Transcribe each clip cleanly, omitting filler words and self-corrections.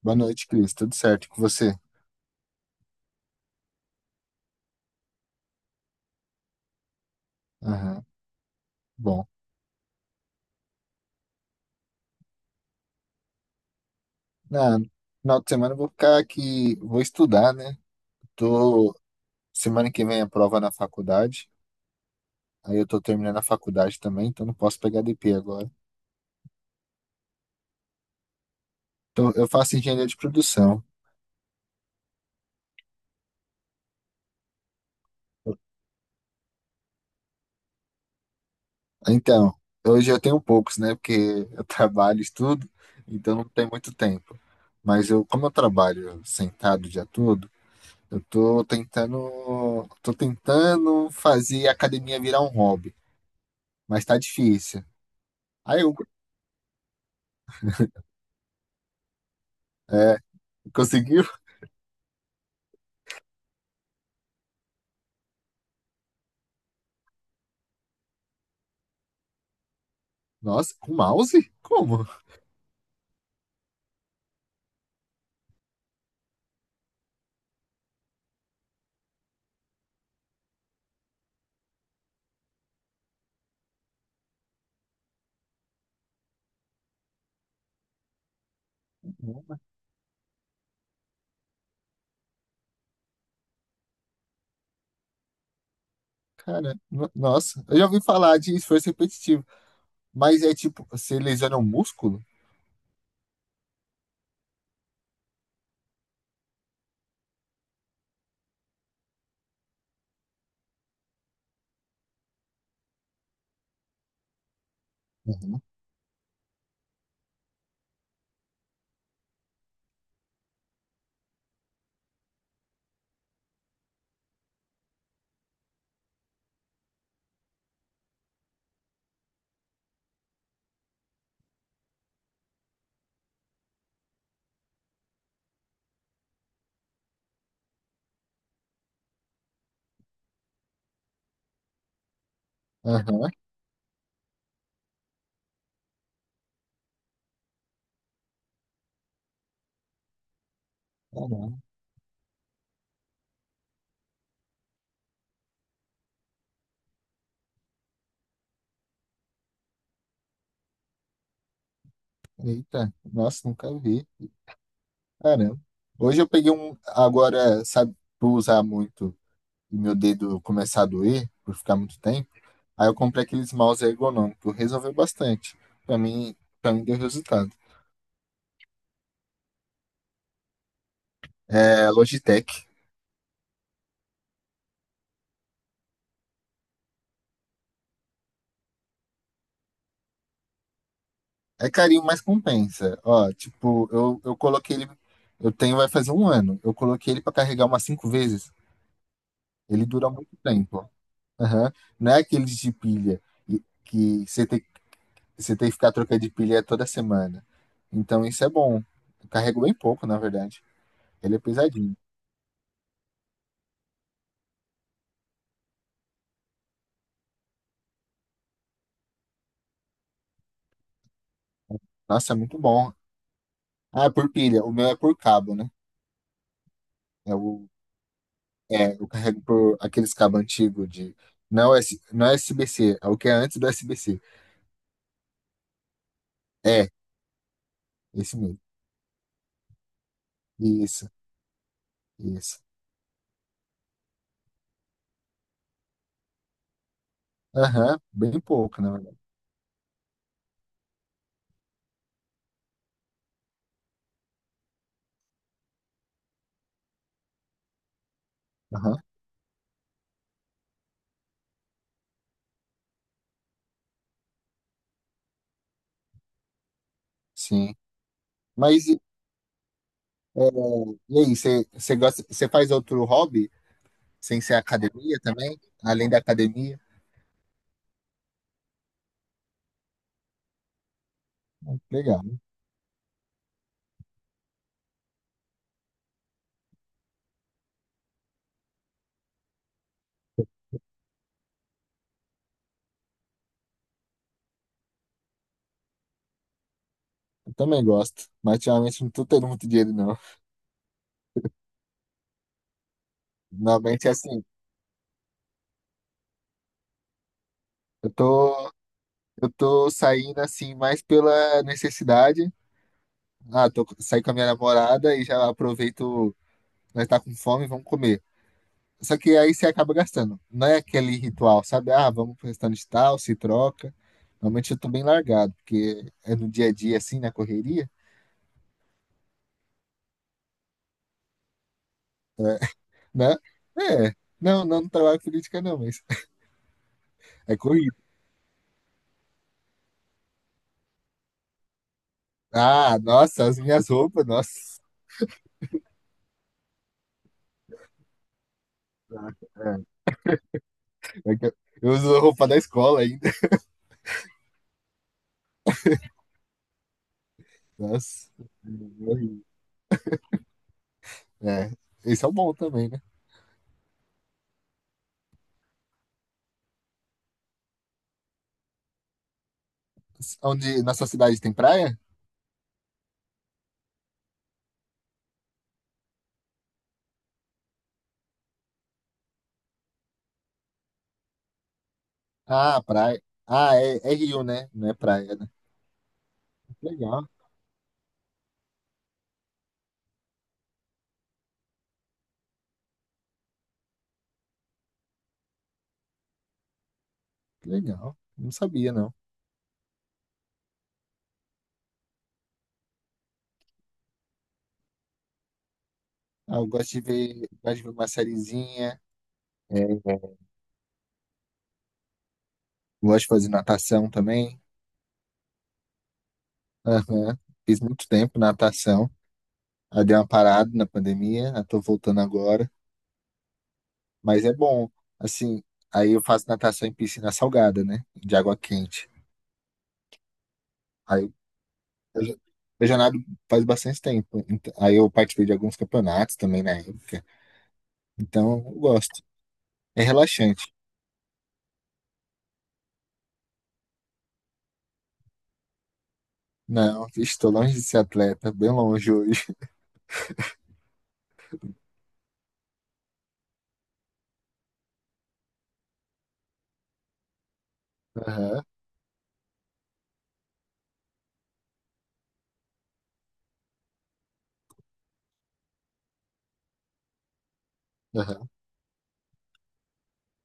Boa noite, Cris. Tudo certo com você? Aham. Bom, na final de semana eu vou ficar aqui, vou estudar, né? Tô, semana que vem a prova na faculdade. Aí eu tô terminando a faculdade também, então não posso pegar DP agora. Então, eu faço engenharia de produção. Então, hoje eu tenho poucos, né? Porque eu trabalho, estudo, então não tem muito tempo. Mas eu, como eu trabalho sentado o dia todo, eu tô tentando fazer a academia virar um hobby. Mas tá difícil. Aí um, é, conseguiu? Nossa, com mouse? Como? Cara, nossa, eu já ouvi falar de esforço repetitivo, mas é tipo, você lesiona o músculo? Uhum. Aham, caramba. Eita, nossa, nunca vi. Caramba. Hoje eu peguei um, agora, sabe, por usar muito e meu dedo começar a doer, por ficar muito tempo, aí eu comprei aqueles mouse ergonômicos, resolveu bastante. Pra mim, pra mim deu resultado. É, Logitech. É carinho, mas compensa. Ó, tipo, eu coloquei ele. Eu tenho, vai fazer um ano. Eu coloquei ele pra carregar umas cinco vezes. Ele dura muito tempo. Aham. Não é aqueles de pilha que você tem que ficar trocando de pilha toda semana. Então isso é bom. Eu carrego bem pouco, na verdade. Ele é pesadinho. Nossa, é muito bom. Ah, é por pilha. O meu é por cabo, né? É o, é, eu carrego por aqueles cabos antigos de. Não é, não é SBC, é o que é antes do USB-C. É, esse mesmo. Isso. Isso. Aham, bem pouco, na verdade. Aham, sim. Mas e, é, e aí, você gosta, você faz outro hobby sem ser academia também? Além da academia? Legal. Eu também gosto, mas ultimamente não tô tendo muito dinheiro, não. Normalmente é assim, eu tô, eu tô saindo assim mais pela necessidade. Ah, tô saí com a minha namorada e já aproveito, nós tá com fome, vamos comer. Só que aí você acaba gastando. Não é aquele ritual, sabe? Ah, vamos pro restaurante tal, se troca. Normalmente eu tô bem largado, porque é no dia a dia, assim, na correria, né? É. Não, não trabalho com política, não, mas é corrido. Ah, nossa, as minhas roupas, nossa. É, é que eu uso roupa da escola ainda. Nossa. Horrível. É, esse é o bom também, né? Onde na sua cidade tem praia? Ah, praia. Ah, é, é rio, né? Não é praia, né? Legal, legal. Não sabia, não. Ah, eu gosto de ver uma sériezinha. É, gosto de fazer natação também. Aham. Fiz muito tempo natação. Aí dei uma parada na pandemia, eu tô voltando agora. Mas é bom. Assim, aí eu faço natação em piscina salgada, né? De água quente. Aí eu, eu já eu já nado faz bastante tempo. Aí eu participei de alguns campeonatos também na época. Então eu gosto. É relaxante. Não, estou longe de ser atleta, bem longe hoje. Aham, aham.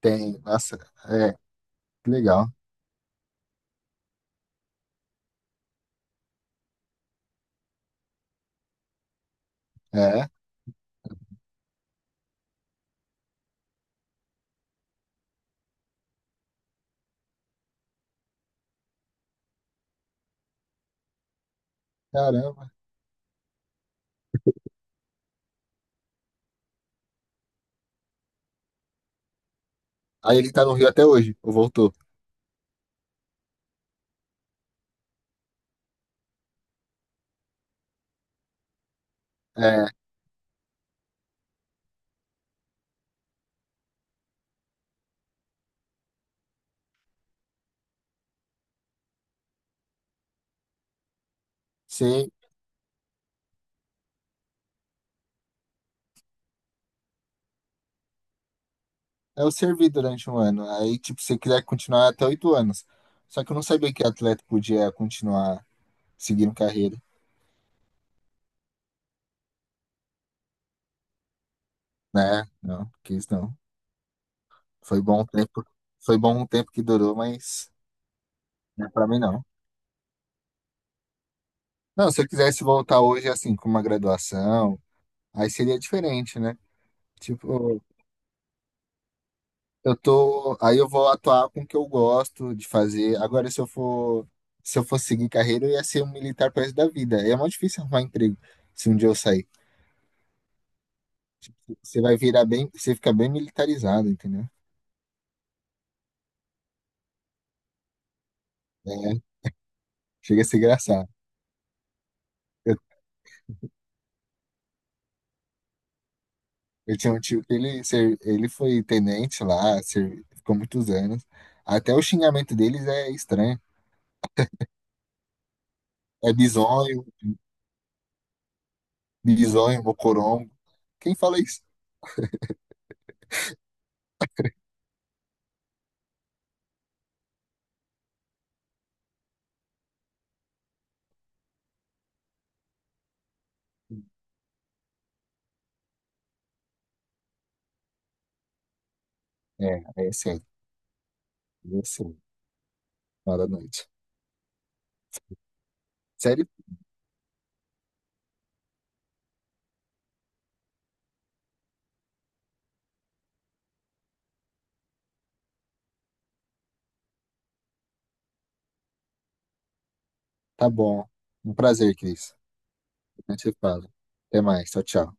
Tem, nossa, é, que legal. É, caramba. Aí ele tá no Rio até hoje, ou voltou. É, você eu servi durante um ano. Aí, tipo, você quiser continuar até 8 anos. Só que eu não sabia que atleta podia continuar seguindo carreira, né? Não, quis não. Foi bom um tempo, foi bom um tempo que durou, mas não é pra mim não. Não, se eu quisesse voltar hoje, assim, com uma graduação, aí seria diferente, né? Tipo, eu tô, aí eu vou atuar com o que eu gosto de fazer. Agora, se eu for, se eu for seguir carreira, eu ia ser um militar pro resto da vida. É muito difícil arrumar emprego se um dia eu sair. Você vai virar bem, você fica bem militarizado, entendeu? É, chega a ser engraçado. Eu, eu tinha um tio que ele, ele foi tenente lá, ficou muitos anos. Até o xingamento deles é estranho. É bisonho, bisonho, mocorongo. Quem fala isso? É, é sério. É sério. Fala à noite. Sério. Tá bom. Um prazer, Cris. A gente se fala. Até mais. Tchau, tchau.